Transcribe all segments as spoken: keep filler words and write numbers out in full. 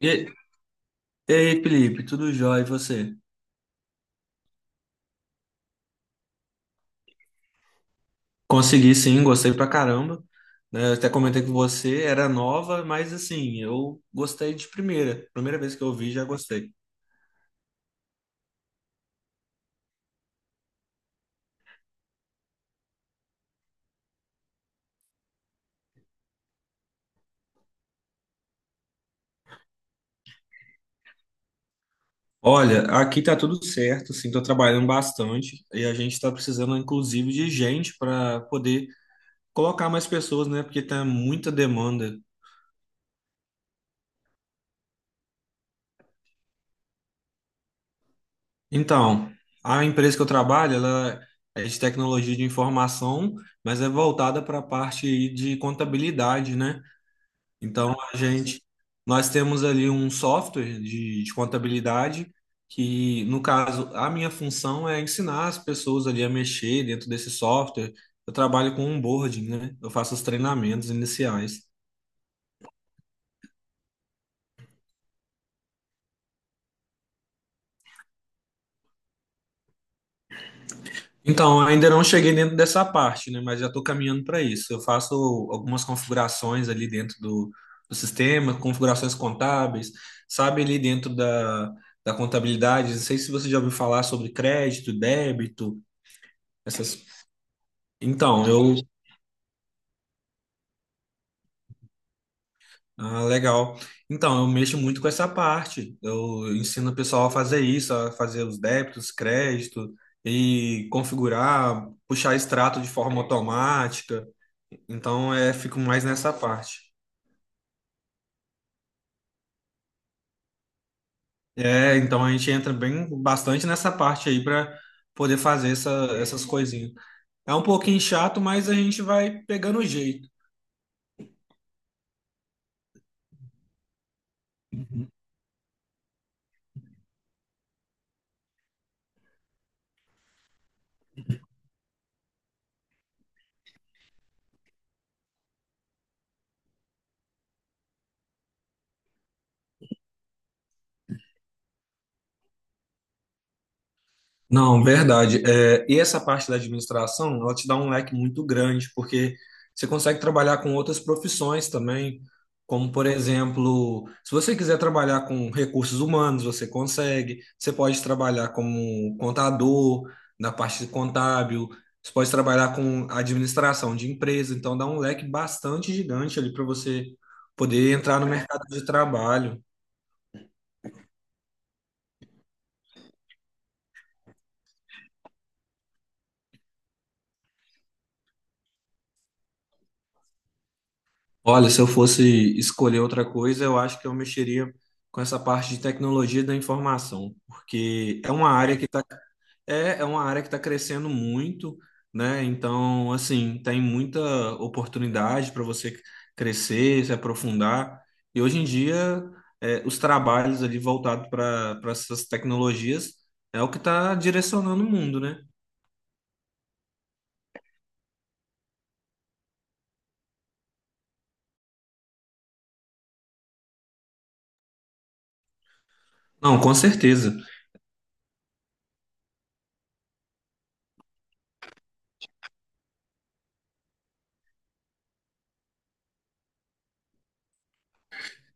E, e aí, Felipe, tudo jóia? E você? Consegui sim, gostei pra caramba. Né? Eu até comentei com você, era nova, mas assim, eu gostei de primeira. Primeira vez que eu vi, já gostei. Olha, aqui tá tudo certo, assim, tô trabalhando bastante e a gente tá precisando, inclusive, de gente para poder colocar mais pessoas, né? Porque tá muita demanda. Então, a empresa que eu trabalho, ela é de tecnologia de informação, mas é voltada para a parte aí de contabilidade, né? Então, a gente, nós temos ali um software de, de contabilidade que, no caso, a minha função é ensinar as pessoas ali a mexer dentro desse software. Eu trabalho com onboarding, né? Eu faço os treinamentos iniciais. Então, ainda não cheguei dentro dessa parte, né? Mas já estou caminhando para isso. Eu faço algumas configurações ali dentro do, do sistema, configurações contábeis, sabe, ali dentro da, da contabilidade. Não sei se você já ouviu falar sobre crédito, débito essas Então, eu. Ah, legal. Então, eu mexo muito com essa parte. Eu ensino o pessoal a fazer isso, a fazer os débitos, crédito e configurar, puxar extrato de forma automática. Então, é, fico mais nessa parte. É, então a gente entra bem bastante nessa parte aí para poder fazer essa- essas coisinhas. É um pouquinho chato, mas a gente vai pegando o jeito. Não, verdade. É, e essa parte da administração, ela te dá um leque muito grande, porque você consegue trabalhar com outras profissões também, como, por exemplo, se você quiser trabalhar com recursos humanos, você consegue. Você pode trabalhar como contador, na parte contábil, você pode trabalhar com administração de empresa, então dá um leque bastante gigante ali para você poder entrar no mercado de trabalho. Olha, se eu fosse escolher outra coisa, eu acho que eu mexeria com essa parte de tecnologia da informação, porque é uma área que tá, é, é uma área que está crescendo muito, né? Então, assim, tem muita oportunidade para você crescer, se aprofundar. E hoje em dia, é, os trabalhos ali voltados para para essas tecnologias é o que está direcionando o mundo, né? Não, com certeza.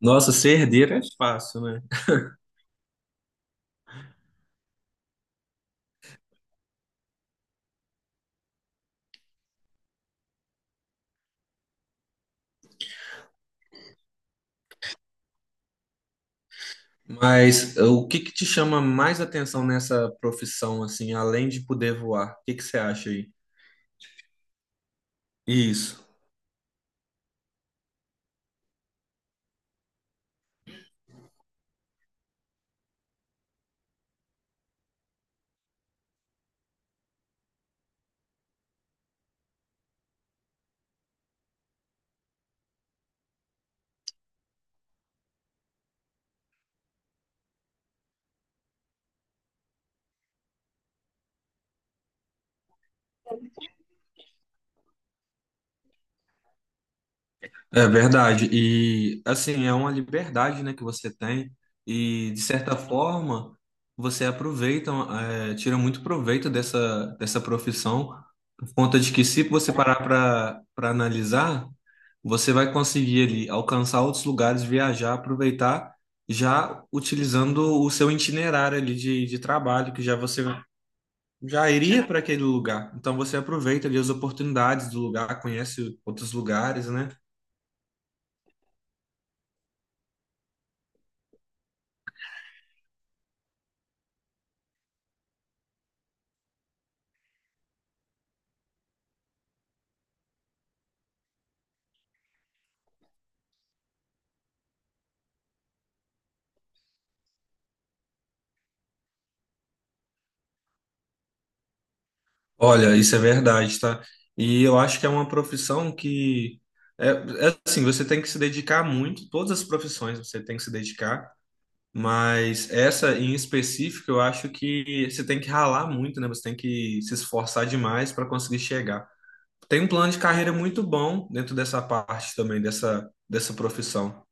Nossa, ser herdeiro é fácil, né? Mas eh, o que que te chama mais atenção nessa profissão, assim, além de poder voar? O que que você acha aí? Isso. É verdade. E assim, é uma liberdade, né, que você tem e de certa forma você aproveita, é, tira muito proveito dessa dessa profissão por conta de que se você parar para para analisar, você vai conseguir ali alcançar outros lugares, viajar, aproveitar já utilizando o seu itinerário ali de, de trabalho que já você já iria para aquele lugar. Então você aproveita ali as oportunidades do lugar, conhece outros lugares, né? Olha, isso é verdade, tá? E eu acho que é uma profissão que é, é assim, você tem que se dedicar muito, todas as profissões você tem que se dedicar, mas essa em específico eu acho que você tem que ralar muito, né? Você tem que se esforçar demais para conseguir chegar. Tem um plano de carreira muito bom dentro dessa parte também, dessa, dessa profissão.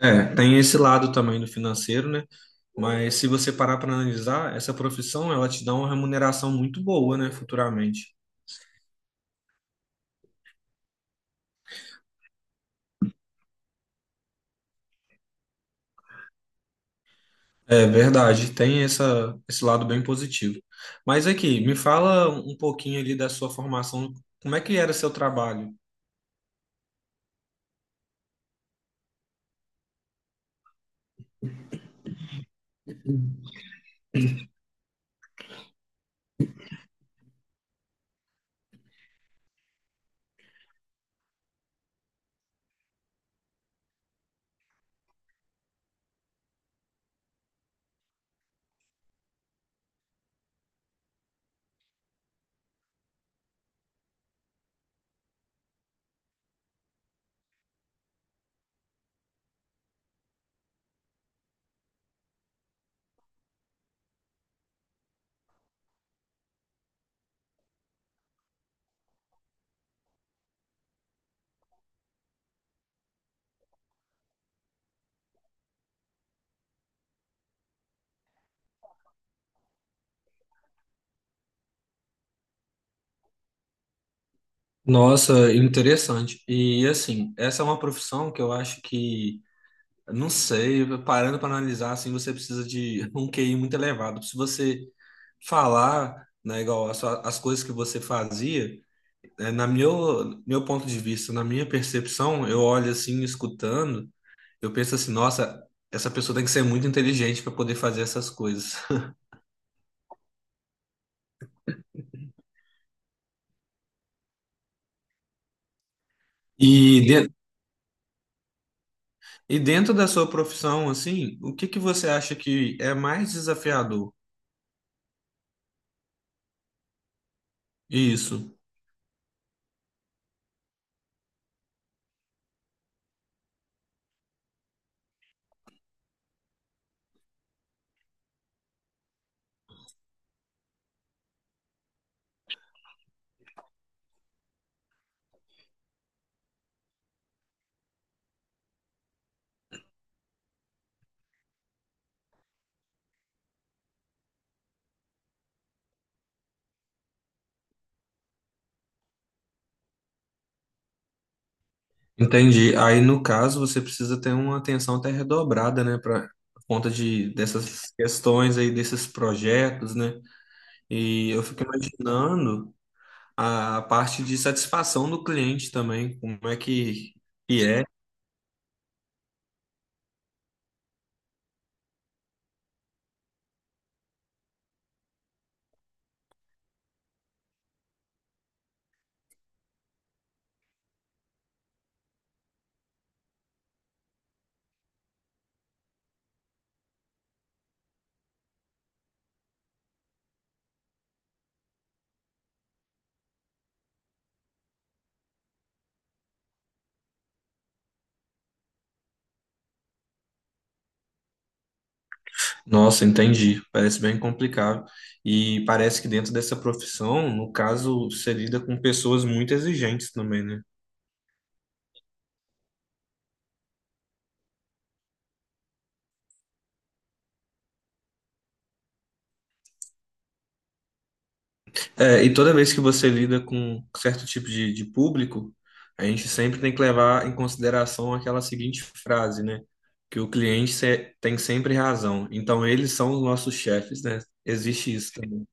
É, tem esse lado também do financeiro, né? Mas se você parar para analisar, essa profissão ela te dá uma remuneração muito boa, né, futuramente. É verdade, tem essa, esse lado bem positivo. Mas aqui, me fala um pouquinho ali da sua formação, como é que era seu trabalho? Nossa, interessante. E assim, essa é uma profissão que eu acho que, não sei, parando para analisar, assim, você precisa de um Q I muito elevado. Se você falar, né, igual as, sua- as coisas que você fazia, eh, na meu, meu ponto de vista, na minha percepção, eu olho assim, escutando. Eu penso assim, nossa, essa pessoa tem que ser muito inteligente para poder fazer essas coisas. E, de- e dentro da sua profissão, assim, o que que você acha que é mais desafiador? Isso, entendi. Aí, no caso, você precisa ter uma atenção até redobrada, né, para conta de dessas questões aí, desses projetos, né? E eu fico imaginando a parte de satisfação do cliente também, como é que, que é Nossa, entendi. Parece bem complicado. E parece que dentro dessa profissão, no caso, você lida com pessoas muito exigentes também, né? É, e toda vez que você lida com certo tipo de, de público, a gente sempre tem que levar em consideração aquela seguinte frase, né? Que o cliente se- tem sempre razão. Então, eles são os nossos chefes, né? Existe isso também.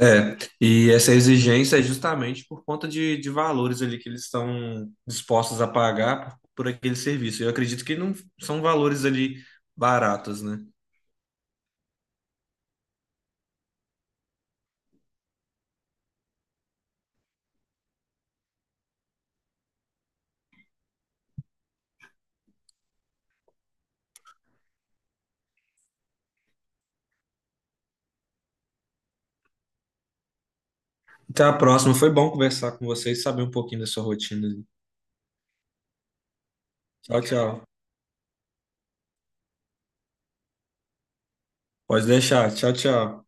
É, e essa exigência é justamente por conta de, de valores ali que eles estão dispostos a pagar por, por aquele serviço. Eu acredito que não são valores ali baratos, né? Até a próxima. Foi bom conversar com vocês, saber um pouquinho da sua rotina. Ali. Tchau, tchau. Pode deixar. Tchau, tchau.